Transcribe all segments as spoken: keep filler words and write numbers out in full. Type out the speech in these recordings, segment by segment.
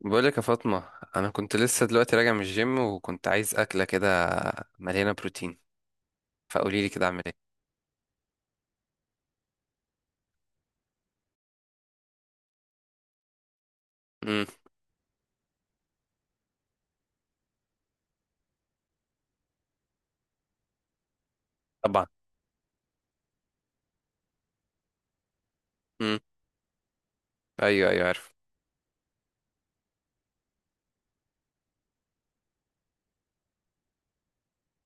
بقولك يا فاطمة، أنا كنت لسه دلوقتي راجع من الجيم وكنت عايز أكلة كده مليانة بروتين. فقوليلي كده أعمل إيه؟ امم طبعا. امم أيوه، أيوه، عارف.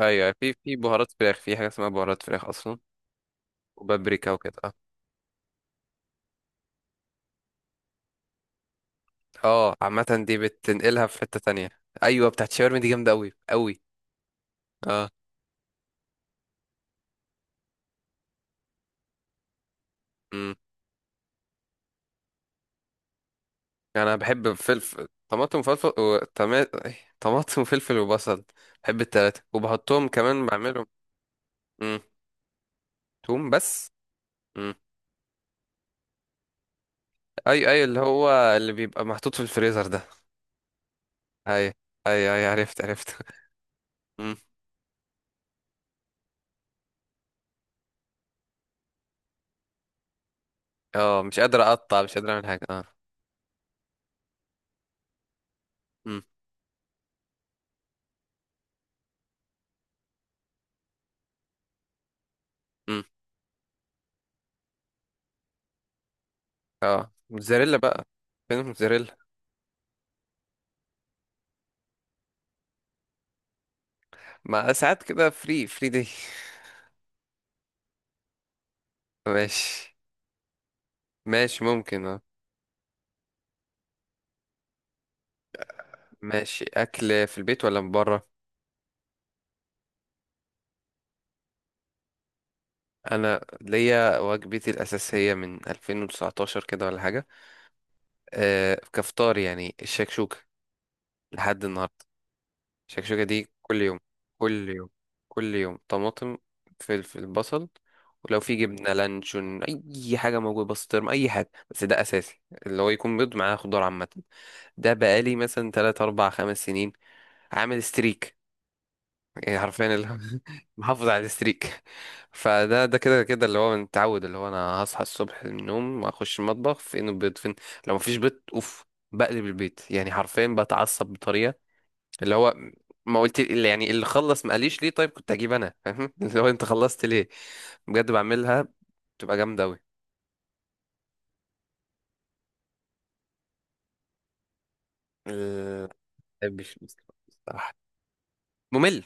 أيوه، أيوة. في في بهارات فراخ. في حاجة اسمها بهارات فراخ أصلا. وبابريكا وكده، أه. أه، عامة دي بتنقلها في حتة تانية. أيوه، بتاعت شاورما دي جامدة أوي أوي. أه. امم أنا بحب فلفل طماطم وفلفل و... طما- إيه، طماطم وفلفل وبصل. بحب التلاتة وبحطهم كمان بعملهم. امم توم بس. اي، اي، اللي هو اللي بيبقى محطوط في الفريزر ده. اي، اي، اي، عرفت عرفت. مم. اه، مش قادر اقطع، مش قادر اعمل حاجه، اه. مم. مم. اه، موتزاريلا بقى. فين الموتزاريلا؟ ما ساعات كده فري فري دي. ماشي. ماشي، ممكن، اه. ماشي، اكل في البيت ولا من بره؟ انا ليا وجبتي الاساسيه من ألفين وتسعتاشر كده ولا حاجه. آه، كفطار يعني الشكشوكه، لحد النهارده. شكشوكة دي كل يوم. كل يوم، كل يوم طماطم، فلفل، بصل، ولو في جبنة لانشون، أي حاجة موجودة، بسطرم، أي حاجة، بس ده أساسي. اللي هو يكون بيض معاه خضار، عامة. ده بقالي مثلا تلات أربع خمس سنين عامل ستريك. يعني حرفيا اللي هو محافظ على الستريك. فده ده كده كده اللي هو متعود، اللي هو أنا هصحى الصبح من النوم أخش المطبخ، فين البيض، فين. لو مفيش بيض، أوف، بقلب البيت، يعني حرفيا بتعصب بطريقة. اللي هو ما قلت اللي يعني اللي خلص ما قاليش ليه؟ طيب كنت اجيب انا، فاهم؟ اللي هو انت خلصت ليه. بجد بعملها، بتبقى جامده قوي. ال- ما بحبش المسلوق بصراحه، ممل.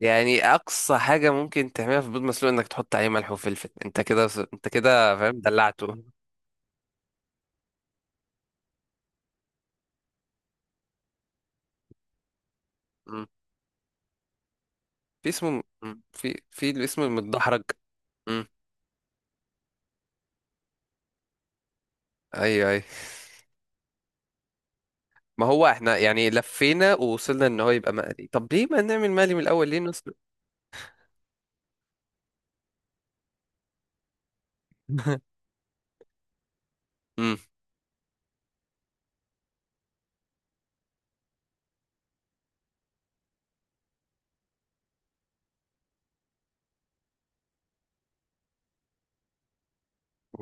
يعني اقصى حاجه ممكن تعملها في بيض مسلوق انك تحط عليه ملح وفلفل، انت كده، انت كده فاهم دلعته. مم. في اسمه، مم. في في الاسم المتدحرج. مم. ايوه، ايوه، ما هو احنا يعني لفينا ووصلنا ان هو يبقى مقلي، طب ليه ما نعمل مقلي من الاول، ليه نسلق؟ مم.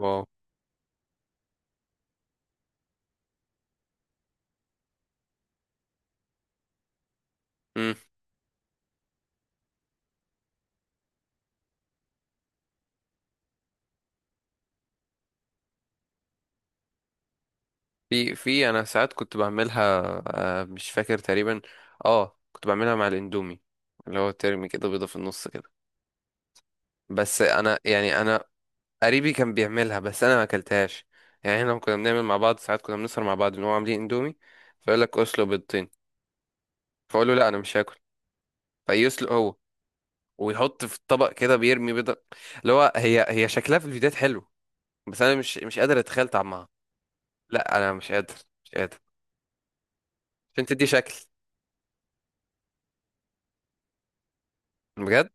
واو. مم. في في انا ساعات كنت بعملها، آه، مش فاكر تقريبا. اه، كنت بعملها مع الاندومي، اللي هو ترمي كده بيضة في النص كده. بس انا يعني انا، قريبي كان بيعملها، بس انا ما اكلتهاش. يعني احنا لما كنا بنعمل مع بعض، ساعات كنا بنسهر مع بعض ان هو عاملين اندومي، فيقول لك اسلق بيضتين، فاقول له لا، انا مش هاكل. فيسلق هو، ويحط في الطبق كده، بيرمي بيضة. اللي هو هي هي شكلها في الفيديوهات حلو، بس انا مش مش قادر اتخيل طعمها. لا، انا مش قادر، مش قادر. عشان تدي شكل، بجد.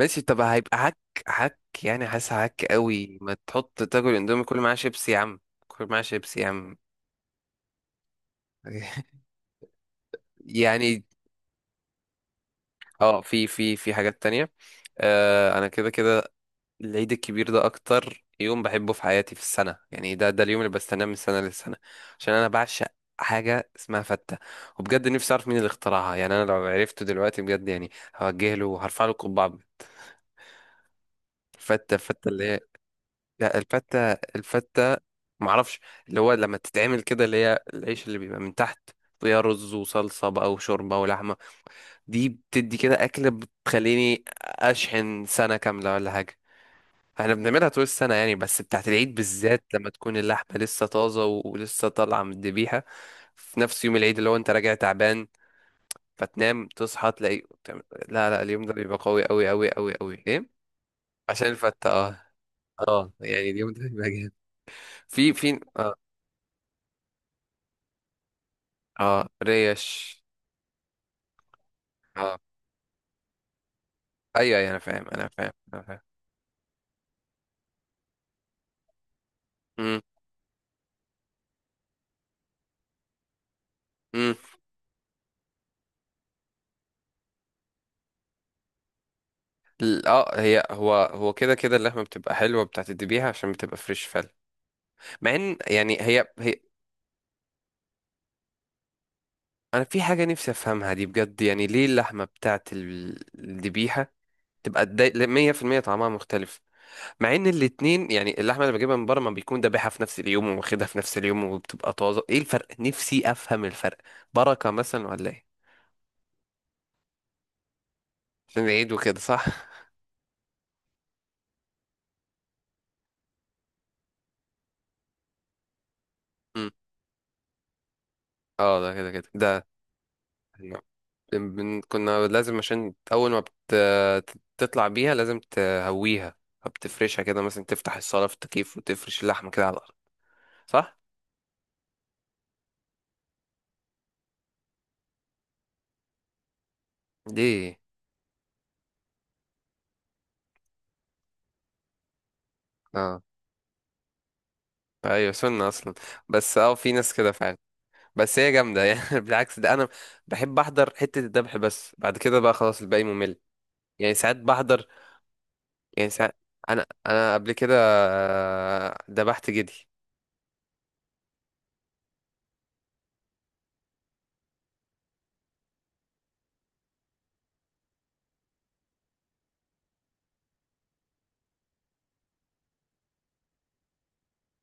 ماشي، طب هيبقى هك. هك يعني حاسس هك قوي. ما تحط تاكل اندومي، كل معاه شيبسي يا عم. كل معاه شيبسي يا عم. يعني، اه، في في في حاجات تانية. آه، انا كده كده العيد الكبير ده اكتر يوم بحبه في حياتي في السنة. يعني ده ده اليوم اللي بستناه من سنة للسنة. عشان انا بعشق حاجة اسمها فتة. وبجد نفسي اعرف مين اللي اخترعها. يعني انا لو عرفته دلوقتي بجد يعني هوجه له وهرفع له قبعة. فتة، فتة اللي هي، لا الفتة، الفتة، معرفش. اللي هو لما تتعمل كده، اللي هي العيش اللي بيبقى من تحت، فيها رز وصلصة بقى وشوربة ولحمة. دي بتدي كده أكلة بتخليني أشحن سنة كاملة ولا حاجة. احنا بنعملها طول السنة يعني، بس بتاعت العيد بالذات لما تكون اللحمة لسه طازة و- ولسه طالعة من الذبيحة في نفس يوم العيد، اللي هو انت راجع تعبان فتنام تصحى تلاقي بتعمل-. لا، لا، اليوم ده بيبقى قوي قوي قوي قوي قوي، ايه؟ عشان الفتة، اه. اه يعني اليوم ده بيبقى جامد. في في اه، اه ريش. اه، ايوه، ايوه، انا فاهم، انا فاهم، انا فاهم. امم امم ال- اه هي هو هو كده كده اللحمه بتبقى حلوه، بتعتدي بيها عشان بتبقى فريش فعلا. مع ان يعني هي هي. انا في حاجه نفسي افهمها دي بجد، يعني ليه اللحمه بتاعت ال- الذبيحه تبقى الدا- مية في المية طعمها مختلف، مع ان الاتنين، يعني اللحمه اللي بجيبها من بره ما بيكون ذابحها في نفس اليوم وواخدها في نفس اليوم وبتبقى طازه. ايه الفرق، نفسي افهم الفرق. بركه مثلا ولا ايه؟ عشان العيد وكده، صح؟ امم اه، ده كده كده ده. بن- كنا لازم، عشان أول ما بت- تطلع بيها لازم تهويها، بتفرشها كده مثلا، تفتح الصالة في التكييف وتفرش اللحمة كده على الأرض، صح؟ دي، اه، أيوة، سنة أصلا. بس اه، في ناس كده فعلا. بس هي جامدة يعني. بالعكس، ده أنا بحب أحضر حتة الذبح، بس بعد كده بقى خلاص، الباقي ممل. يعني ساعات بحضر، يعني ساعات. أنا أنا قبل كده، آه، ذبحت جدي.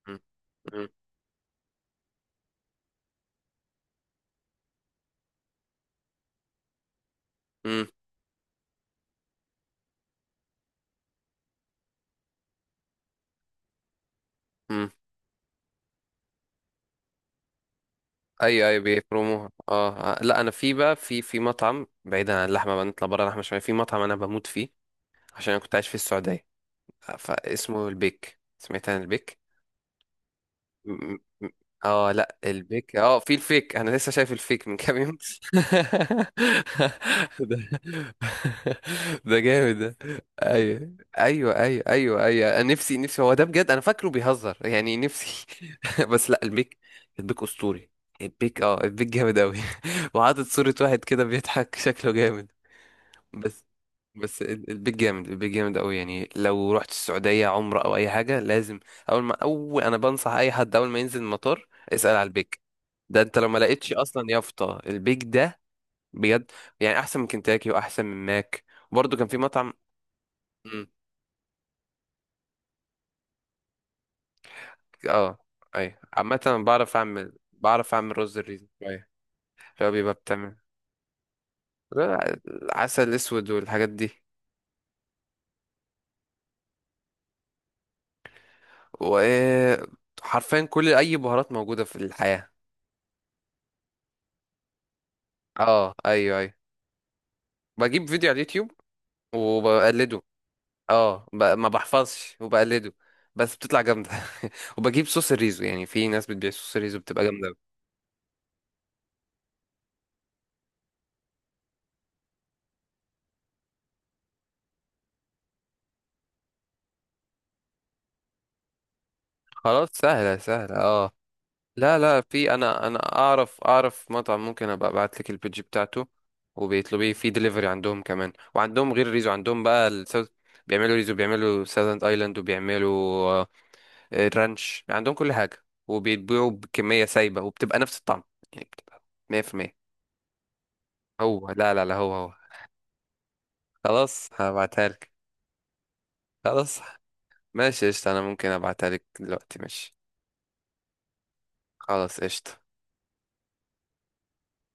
م- م- م- م. ايوه، ايوه، بيفرموها، اه، آه، لا، انا في بقى في في مطعم، بعيدا عن اللحمه بقى نطلع بره اللحمه شويه، في مطعم انا بموت فيه. عشان انا كنت عايش في السعوديه، آه، فاسمه البيك. سمعت عن البيك؟ م- م- اه، لا البيك، اه في الفيك، انا لسه شايف الفيك من كام يوم. ده ده جامد ده. ايوه، ايوه، ايوه، ايوه، ايوه، انا نفسي، نفسي هو ده. بجد انا فاكره بيهزر يعني، نفسي. بس لا، البيك، البيك اسطوري. البيك، اه، البيك جامد قوي، وعاطط صورة واحد كده بيضحك، شكله جامد. بس، بس ال- البيت جامد، البيت جامد قوي. يعني لو رحت السعودية عمرة او اي حاجة، لازم اول ما اول انا بنصح اي حد، اول ما ينزل المطار اسأل على البيك. ده انت لو ما لقيتش اصلا يافطة البيك ده، بجد. يعني احسن من كنتاكي واحسن من ماك. برضو كان في مطعم. مم. اه، اي، عامة أنا بعرف اعمل بعرف اعمل رز الريزو شوية. اللي هو بيبقى بتعمل، لا، العسل الاسود والحاجات دي، وحرفيا كل اي بهارات موجودة في الحياة. اه، ايوه، ايوه، بجيب فيديو على اليوتيوب وبقلده. اه، ب... ما بحفظش وبقلده، بس بتطلع جامدة. وبجيب صوص الريزو، يعني في ناس بتبيع صوص الريزو بتبقى جامدة أوي. خلاص، سهلة سهلة، اه. لا، لا، في، انا انا اعرف اعرف مطعم، ممكن ابقى ابعت لك البيج بتاعته، وبيطلبيه في دليفري عندهم كمان، وعندهم غير الريزو، عندهم بقى الساوث. بيعملوا ريزو، بيعملوا ساذرن ايلاند، وبيعملوا آه، رانش. عندهم كل حاجة، وبيتبيعوا بكمية سايبة وبتبقى نفس الطعم، يعني بتبقى مية في المية. هو، لا، لا، لا، هو هو. خلاص هبعتها لك، خلاص. ماشي قشطة، انا ممكن ابعتها لك دلوقتي، ماشي. خلاص، قشطة.